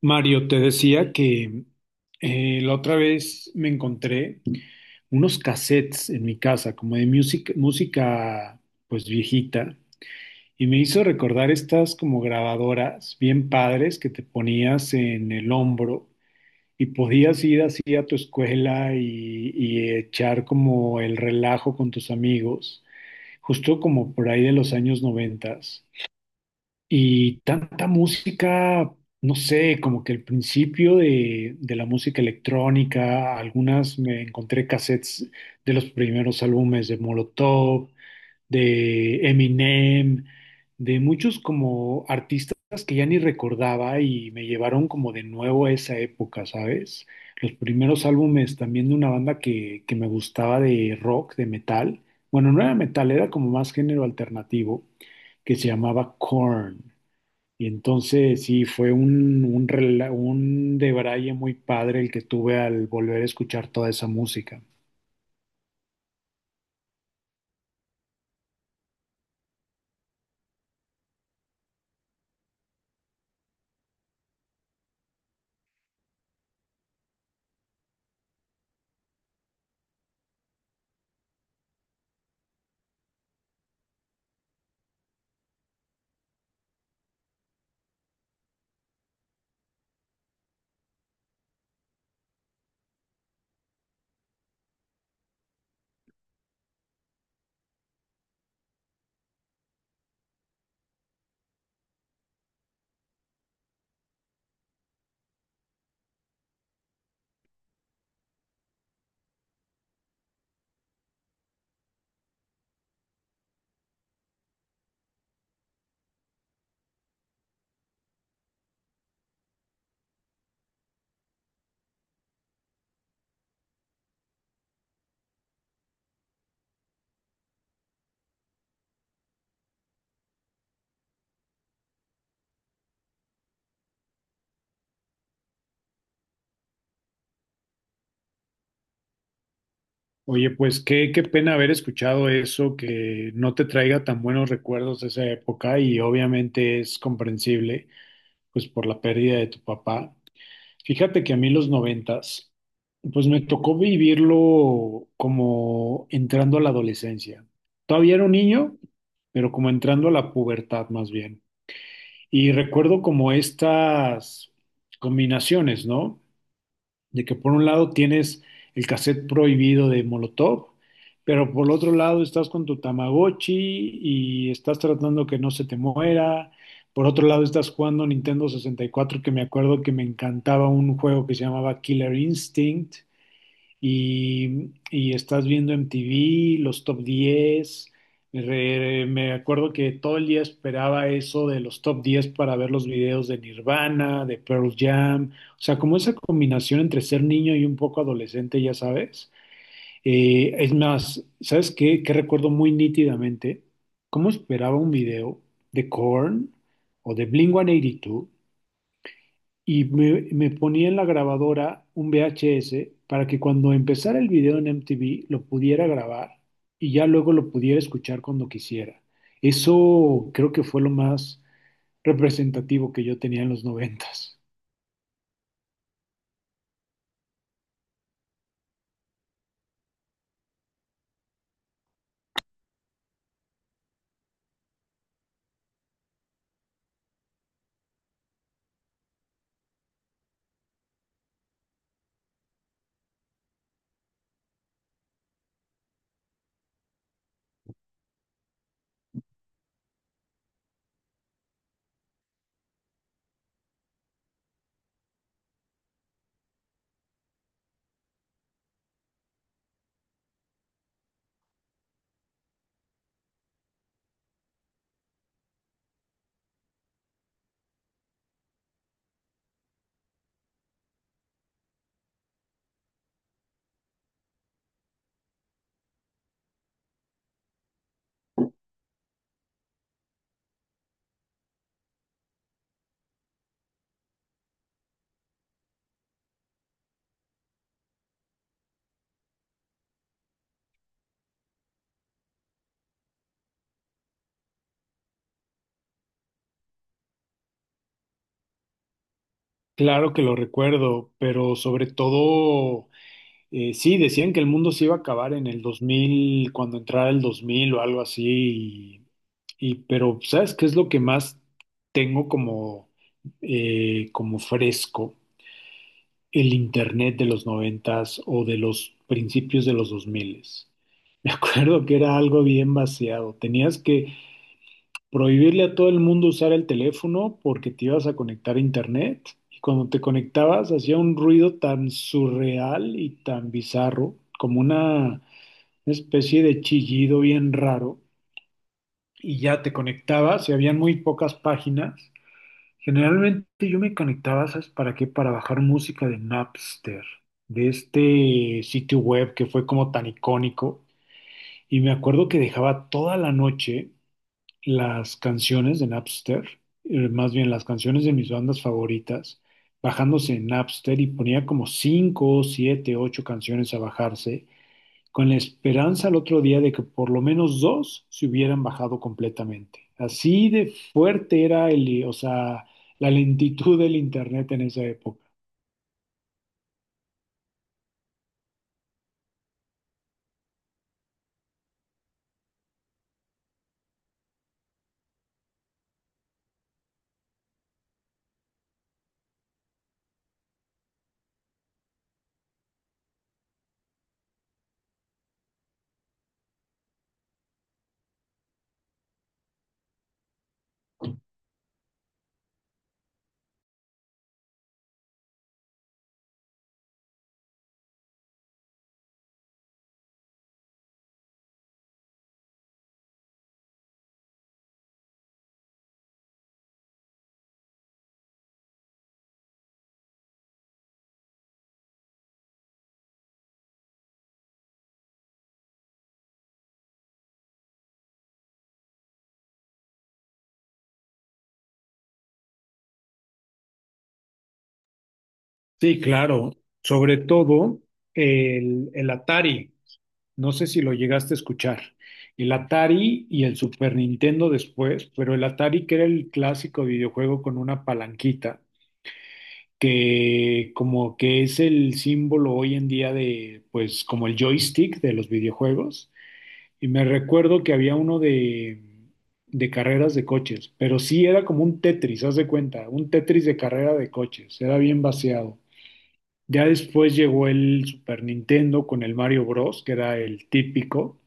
Mario, te decía que la otra vez me encontré unos cassettes en mi casa, como de música pues viejita, y me hizo recordar estas como grabadoras bien padres que te ponías en el hombro y podías ir así a tu escuela y echar como el relajo con tus amigos, justo como por ahí de los años noventas. Y tanta música, no sé, como que el principio de la música electrónica, algunas me encontré cassettes de los primeros álbumes de Molotov, de Eminem, de muchos como artistas que ya ni recordaba y me llevaron como de nuevo a esa época, ¿sabes? Los primeros álbumes también de una banda que me gustaba de rock, de metal. Bueno, no era metal, era como más género alternativo, que se llamaba Korn. Y entonces sí, fue un debraye muy padre el que tuve al volver a escuchar toda esa música. Oye, pues qué pena haber escuchado eso, que no te traiga tan buenos recuerdos de esa época y obviamente es comprensible, pues por la pérdida de tu papá. Fíjate que a mí los noventas, pues me tocó vivirlo como entrando a la adolescencia. Todavía era un niño, pero como entrando a la pubertad más bien. Y recuerdo como estas combinaciones, ¿no? De que por un lado tienes el cassette prohibido de Molotov, pero por el otro lado estás con tu Tamagotchi y estás tratando que no se te muera. Por otro lado estás jugando Nintendo sesenta y cuatro, que me acuerdo que me encantaba un juego que se llamaba Killer Instinct y estás viendo MTV, los top diez. Me acuerdo que todo el día esperaba eso de los top 10 para ver los videos de Nirvana, de Pearl Jam. O sea, como esa combinación entre ser niño y un poco adolescente, ya sabes. Es más, ¿sabes qué? Que recuerdo muy nítidamente cómo esperaba un video de Korn o de Blink-182 y me ponía en la grabadora un VHS para que cuando empezara el video en MTV lo pudiera grabar y ya luego lo pudiera escuchar cuando quisiera. Eso creo que fue lo más representativo que yo tenía en los noventas. Claro que lo recuerdo, pero sobre todo, sí, decían que el mundo se iba a acabar en el 2000 cuando entrara el 2000 o algo así, pero ¿sabes qué es lo que más tengo como, como fresco? El internet de los noventas o de los principios de los dos miles. Me acuerdo que era algo bien vaciado. Tenías que prohibirle a todo el mundo usar el teléfono porque te ibas a conectar a internet. Y cuando te conectabas hacía un ruido tan surreal y tan bizarro, como una especie de chillido bien raro. Y ya te conectabas y habían muy pocas páginas. Generalmente yo me conectaba, ¿sabes para qué? Para bajar música de Napster, de este sitio web que fue como tan icónico. Y me acuerdo que dejaba toda la noche las canciones de Napster, más bien las canciones de mis bandas favoritas, bajándose en Napster y ponía como 5, 7, 8 canciones a bajarse con la esperanza al otro día de que por lo menos dos se hubieran bajado completamente. Así de fuerte era el, o sea, la lentitud del internet en esa época. Sí, claro. Sobre todo el Atari. No sé si lo llegaste a escuchar. El Atari y el Super Nintendo después, pero el Atari que era el clásico videojuego con una palanquita, que como que es el símbolo hoy en día de, pues como el joystick de los videojuegos. Y me recuerdo que había uno de carreras de coches, pero sí era como un Tetris, haz de cuenta, un Tetris de carrera de coches, era bien vaciado. Ya después llegó el Super Nintendo con el Mario Bros, que era el típico,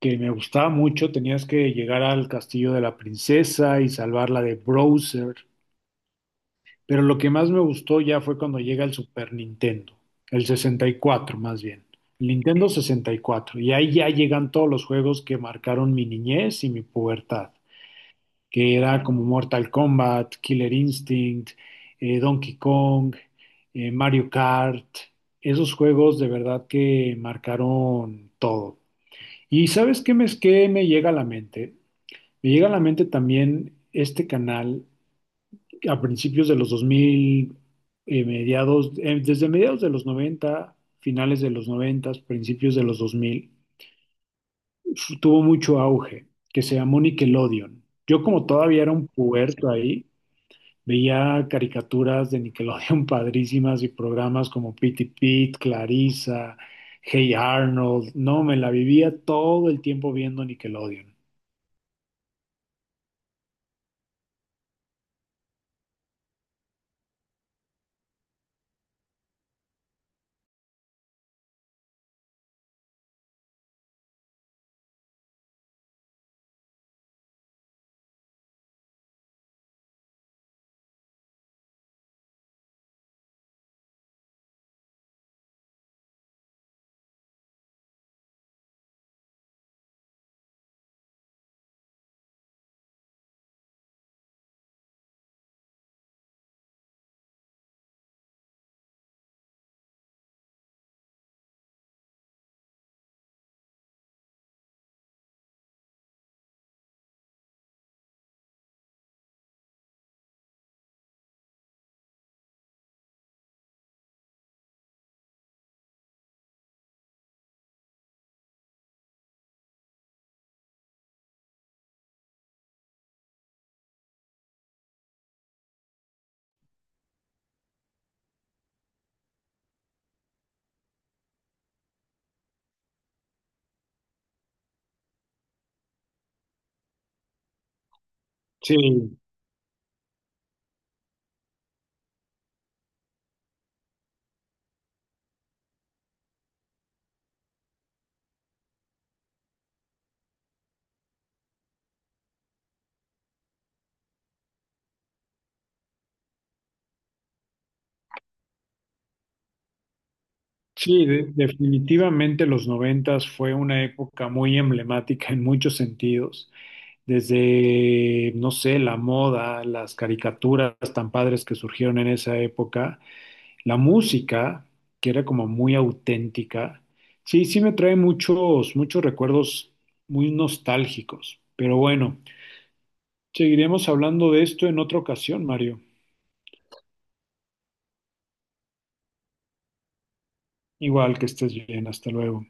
que me gustaba mucho, tenías que llegar al castillo de la princesa y salvarla de Bowser. Pero lo que más me gustó ya fue cuando llega el Super Nintendo, el 64 más bien, el Nintendo 64. Y cuatro. Y ahí ya llegan todos los juegos que marcaron mi niñez y mi pubertad, que era como Mortal Kombat, Killer Instinct, Donkey Kong, Mario Kart. Esos juegos de verdad que marcaron todo. ¿Y sabes qué me llega a la mente? Me llega a la mente también este canal a principios de los 2000, desde mediados de los 90 finales de los 90 principios de los 2000, tuvo mucho auge, que se llamó Nickelodeon. Yo como todavía era un puberto ahí, veía caricaturas de Nickelodeon padrísimas y programas como Pitty Pit, Clarissa, Hey Arnold. No, me la vivía todo el tiempo viendo Nickelodeon. Sí. Sí, definitivamente los noventas fue una época muy emblemática en muchos sentidos, desde, no sé, la moda, las caricaturas tan padres que surgieron en esa época, la música, que era como muy auténtica. Sí, sí me trae muchos recuerdos muy nostálgicos, pero bueno, seguiremos hablando de esto en otra ocasión, Mario. Igual que estés bien, hasta luego.